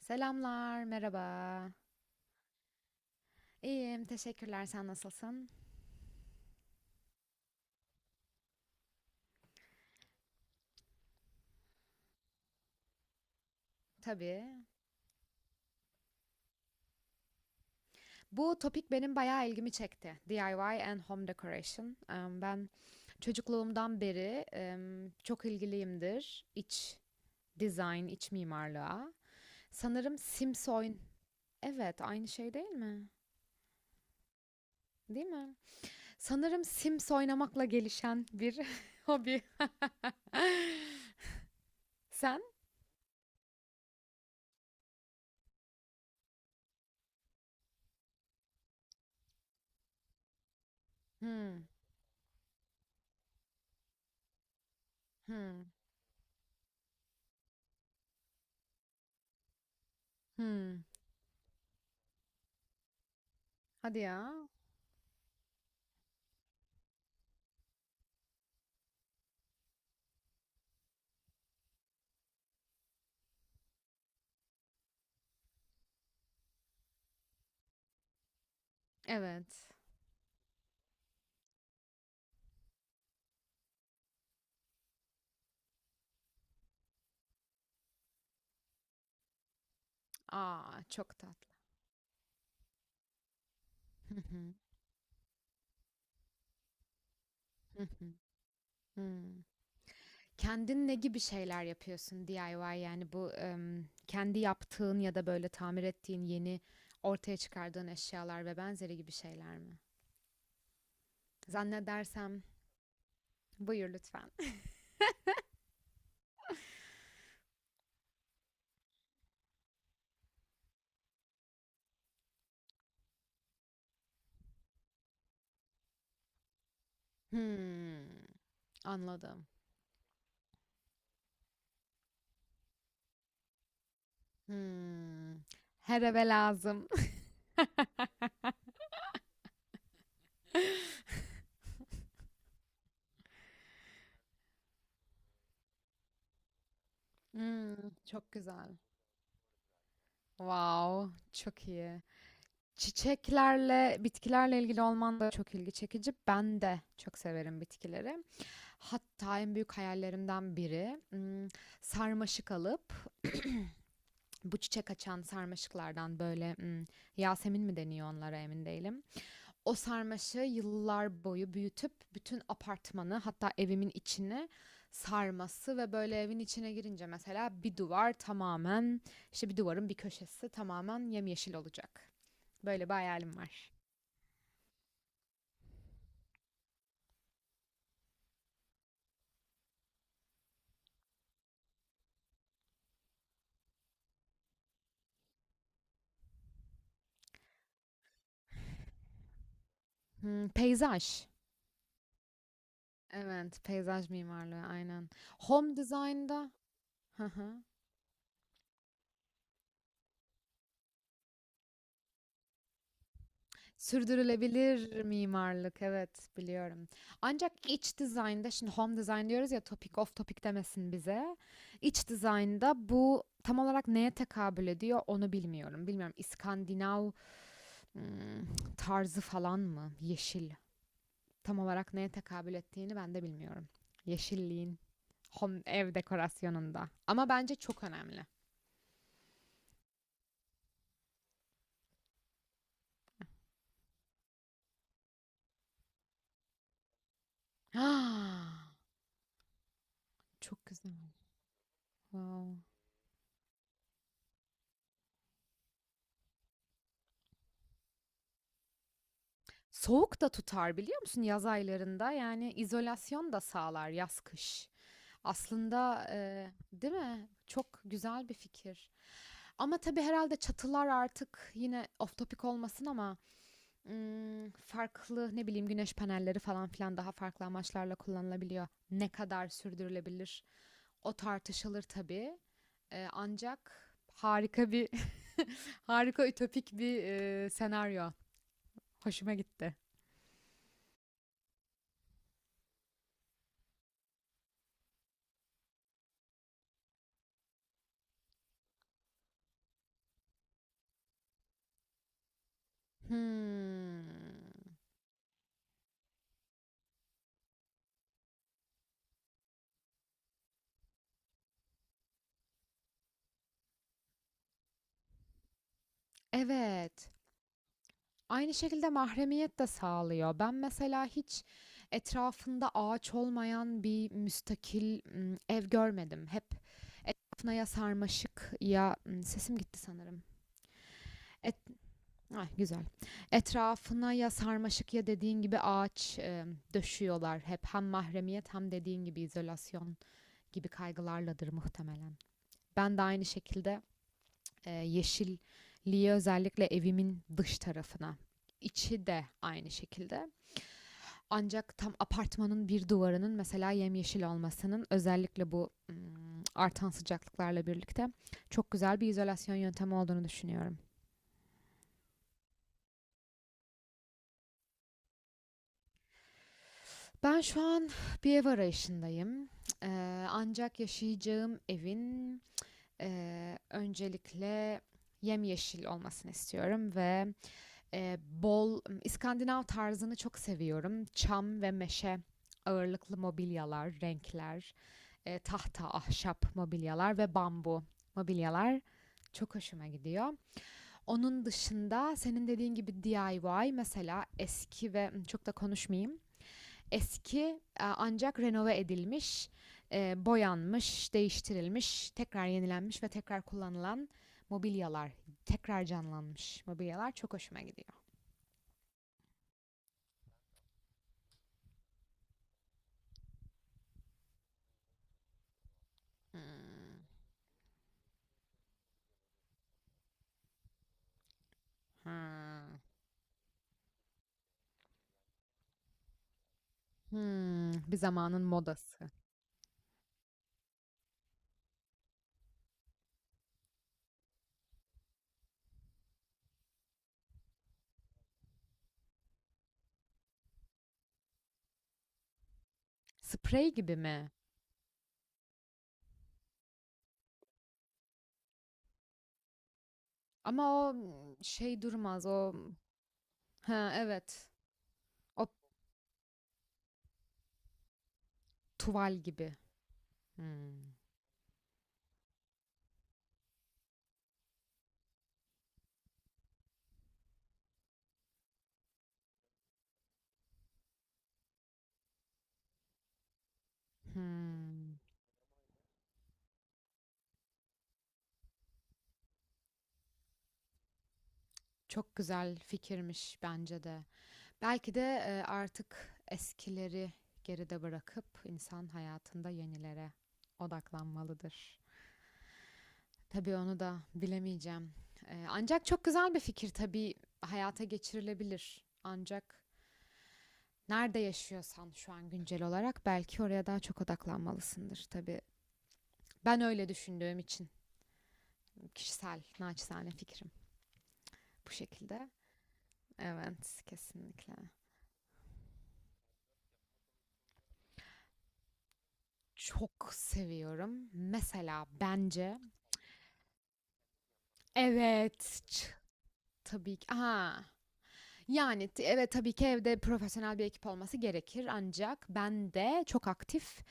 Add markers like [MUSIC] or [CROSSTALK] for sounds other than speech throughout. Selamlar, merhaba. İyiyim, teşekkürler. Sen nasılsın? Tabii. Bu topik benim bayağı ilgimi çekti. DIY and home decoration. Ben çocukluğumdan beri çok ilgiliyimdir. İç design, iç mimarlığa. Sanırım Sims oyn... Evet, aynı şey değil mi? Değil mi? Sanırım Sims oynamakla gelişen bir [LAUGHS] hobi. [LAUGHS] Sen? Hmm, hmm, hmm. Hadi ya. Evet. Aa, çok tatlı. Hı hı, hı hı, hı. Kendin ne gibi şeyler yapıyorsun DIY yani bu kendi yaptığın ya da böyle tamir ettiğin yeni ortaya çıkardığın eşyalar ve benzeri gibi şeyler mi? Zannedersem buyur lütfen. Hmm, anladım. Hmm, her eve lazım. [LAUGHS] Hmm, çok güzel. Wow, çok iyi. Çiçeklerle, bitkilerle ilgili olman da çok ilgi çekici. Ben de çok severim bitkileri. Hatta en büyük hayallerimden biri sarmaşık alıp bu çiçek açan sarmaşıklardan böyle Yasemin mi deniyor onlara emin değilim. O sarmaşığı yıllar boyu büyütüp bütün apartmanı hatta evimin içini sarması ve böyle evin içine girince mesela bir duvar tamamen işte bir duvarın bir köşesi tamamen yemyeşil olacak. Böyle bir hayalim var. Hmm, peyzaj. Evet, peyzaj mimarlığı aynen. Home design'da. Hı hı. Sürdürülebilir mimarlık, evet, biliyorum. Ancak iç dizaynda şimdi home design diyoruz ya topic of topic demesin bize. İç dizaynda bu tam olarak neye tekabül ediyor onu bilmiyorum. Bilmiyorum, İskandinav hmm, tarzı falan mı? Yeşil. Tam olarak neye tekabül ettiğini ben de bilmiyorum. Yeşilliğin home ev dekorasyonunda. Ama bence çok önemli. [GASPS] Ah, çok güzel. Wow. Soğuk da tutar biliyor musun yaz aylarında? Yani izolasyon da sağlar, yaz kış. Aslında değil mi? Çok güzel bir fikir. Ama tabii herhalde çatılar artık yine off topic olmasın ama farklı, ne bileyim, güneş panelleri falan filan daha farklı amaçlarla kullanılabiliyor. Ne kadar sürdürülebilir? O tartışılır tabii. Ancak harika bir [LAUGHS] harika ütopik bir senaryo. Hoşuma gitti. Hmm. Evet. Aynı şekilde mahremiyet de sağlıyor. Ben mesela hiç etrafında ağaç olmayan bir müstakil ev görmedim. Hep etrafına ya sarmaşık ya sesim gitti sanırım. Et, ay, güzel. Etrafına ya sarmaşık ya dediğin gibi ağaç döşüyorlar hep. Hem mahremiyet hem dediğin gibi izolasyon gibi kaygılarladır muhtemelen. Ben de aynı şekilde yeşilliği özellikle evimin dış tarafına. İçi de aynı şekilde. Ancak tam apartmanın bir duvarının mesela yemyeşil olmasının özellikle bu artan sıcaklıklarla birlikte çok güzel bir izolasyon yöntemi olduğunu düşünüyorum. Ben şu an bir ev arayışındayım. Ancak yaşayacağım evin öncelikle yemyeşil olmasını istiyorum ve bol İskandinav tarzını çok seviyorum. Çam ve meşe ağırlıklı mobilyalar, renkler, tahta, ahşap mobilyalar ve bambu mobilyalar çok hoşuma gidiyor. Onun dışında senin dediğin gibi DIY, mesela eski ve çok da konuşmayayım. Eski ancak renove edilmiş, boyanmış, değiştirilmiş, tekrar yenilenmiş ve tekrar kullanılan mobilyalar, tekrar canlanmış mobilyalar çok hoşuma gidiyor. Hmm. Ha, bir zamanın modası. Sprey gibi mi? Ama o şey durmaz. O ha, evet. O tuval gibi. Hmm, hmm. Çok güzel fikirmiş bence de. Belki de artık eskileri geride bırakıp insan hayatında yenilere odaklanmalıdır. Tabii onu da bilemeyeceğim. Ancak çok güzel bir fikir, tabii hayata geçirilebilir. Ancak nerede yaşıyorsan şu an güncel olarak belki oraya daha çok odaklanmalısındır tabii. Ben öyle düşündüğüm için kişisel naçizane fikrim bu şekilde. Evet, kesinlikle. Çok seviyorum. Mesela bence, evet, ç- tabii ki. Aha. Yani evet, tabii ki evde profesyonel bir ekip olması gerekir, ancak ben de çok aktif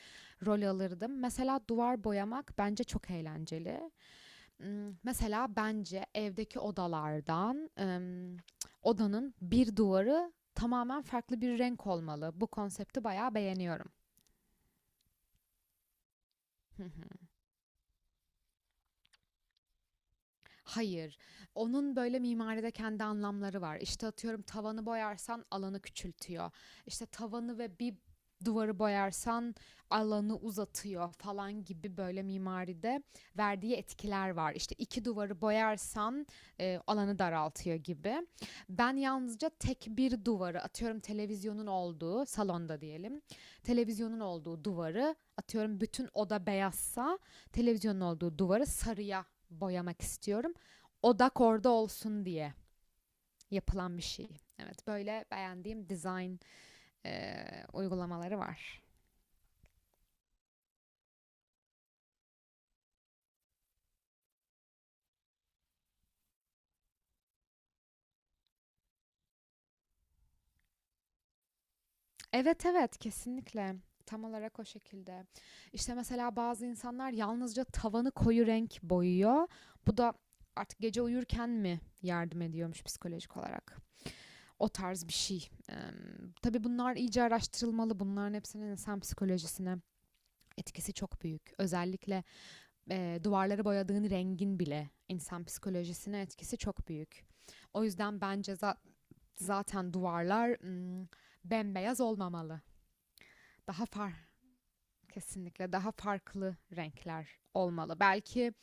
rol alırdım. Mesela duvar boyamak bence çok eğlenceli. Mesela bence evdeki odalardan, odanın bir duvarı tamamen farklı bir renk olmalı. Bu konsepti bayağı beğeniyorum. [LAUGHS] Hayır. Onun böyle mimaride kendi anlamları var. İşte atıyorum, tavanı boyarsan alanı küçültüyor. İşte tavanı ve bir duvarı boyarsan alanı uzatıyor falan gibi böyle mimaride verdiği etkiler var. İşte iki duvarı boyarsan alanı daraltıyor gibi. Ben yalnızca tek bir duvarı, atıyorum televizyonun olduğu salonda diyelim. Televizyonun olduğu duvarı, atıyorum bütün oda beyazsa televizyonun olduğu duvarı sarıya boyamak istiyorum, odak orada olsun diye yapılan bir şey. Evet, böyle beğendiğim design uygulamaları var. Evet, evet, kesinlikle. Tam olarak o şekilde. İşte mesela bazı insanlar yalnızca tavanı koyu renk boyuyor. Bu da artık gece uyurken mi yardım ediyormuş psikolojik olarak? O tarz bir şey. Tabii bunlar iyice araştırılmalı. Bunların hepsinin insan psikolojisine etkisi çok büyük. Özellikle duvarları boyadığın rengin bile insan psikolojisine etkisi çok büyük. O yüzden bence zaten duvarlar bembeyaz olmamalı. Daha far kesinlikle daha farklı renkler olmalı. Belki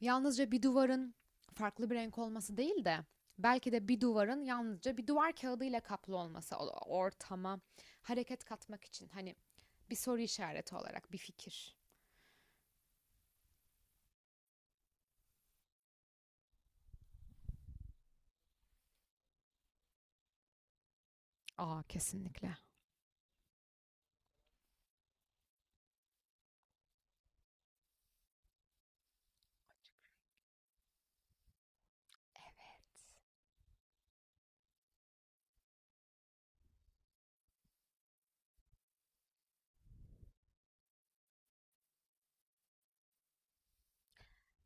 yalnızca bir duvarın farklı bir renk olması değil de belki de bir duvarın yalnızca bir duvar kağıdıyla kaplı olması, ortama hareket katmak için, hani bir soru işareti olarak bir fikir. Aa, kesinlikle. Evet.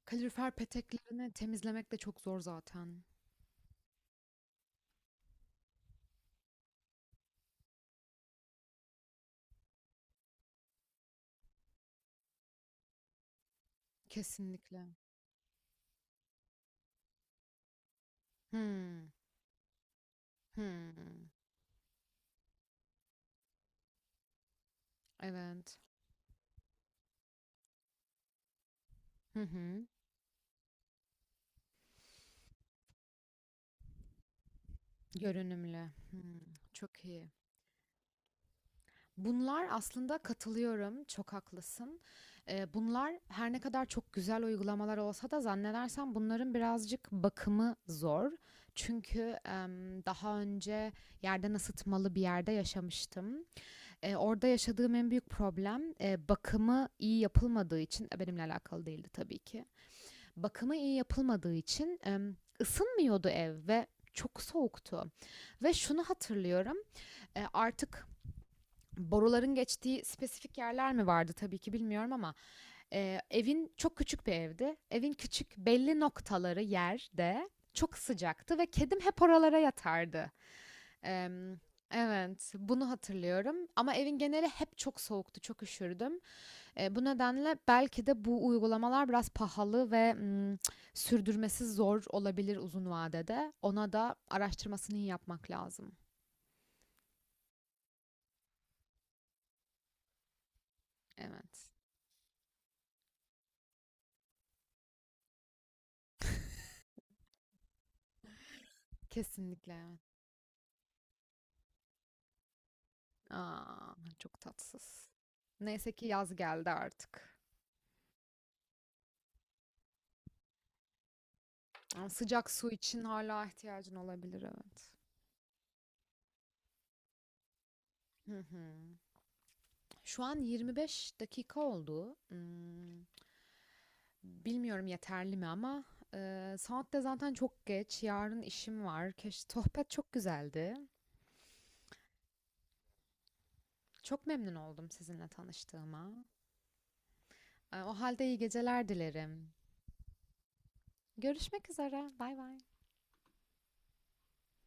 Kalorifer peteklerini temizlemek de çok zor zaten. Kesinlikle. Hmm. Hmm. Evet. Hı hı. Görünümlü. Hmm. Çok iyi. Bunlar aslında katılıyorum. Çok haklısın. Bunlar her ne kadar çok güzel uygulamalar olsa da zannedersem bunların birazcık bakımı zor. Çünkü daha önce yerden ısıtmalı bir yerde yaşamıştım. Orada yaşadığım en büyük problem, bakımı iyi yapılmadığı için, benimle alakalı değildi tabii ki. Bakımı iyi yapılmadığı için, ısınmıyordu ev ve çok soğuktu ve şunu hatırlıyorum, artık boruların geçtiği spesifik yerler mi vardı tabii ki bilmiyorum ama, evin çok küçük bir evdi. Evin küçük belli noktaları, yerde çok sıcaktı ve kedim hep oralara yatardı. Emm, evet, bunu hatırlıyorum ama evin geneli hep çok soğuktu, çok üşürdüm. Bu nedenle belki de bu uygulamalar biraz pahalı ve, sürdürmesi zor olabilir uzun vadede. Ona da araştırmasını iyi yapmak lazım. Evet, kesinlikle, evet. A! Çok tatsız. Neyse ki yaz geldi artık. Ama sıcak su için hala ihtiyacın olabilir, evet. Hı hı. Şu an 25 dakika oldu. Bilmiyorum yeterli mi ama saat de zaten çok geç. Yarın işim var. Keş sohbet çok güzeldi. Çok memnun oldum sizinle tanıştığıma. O halde iyi geceler dilerim. Görüşmek üzere. Bay bay.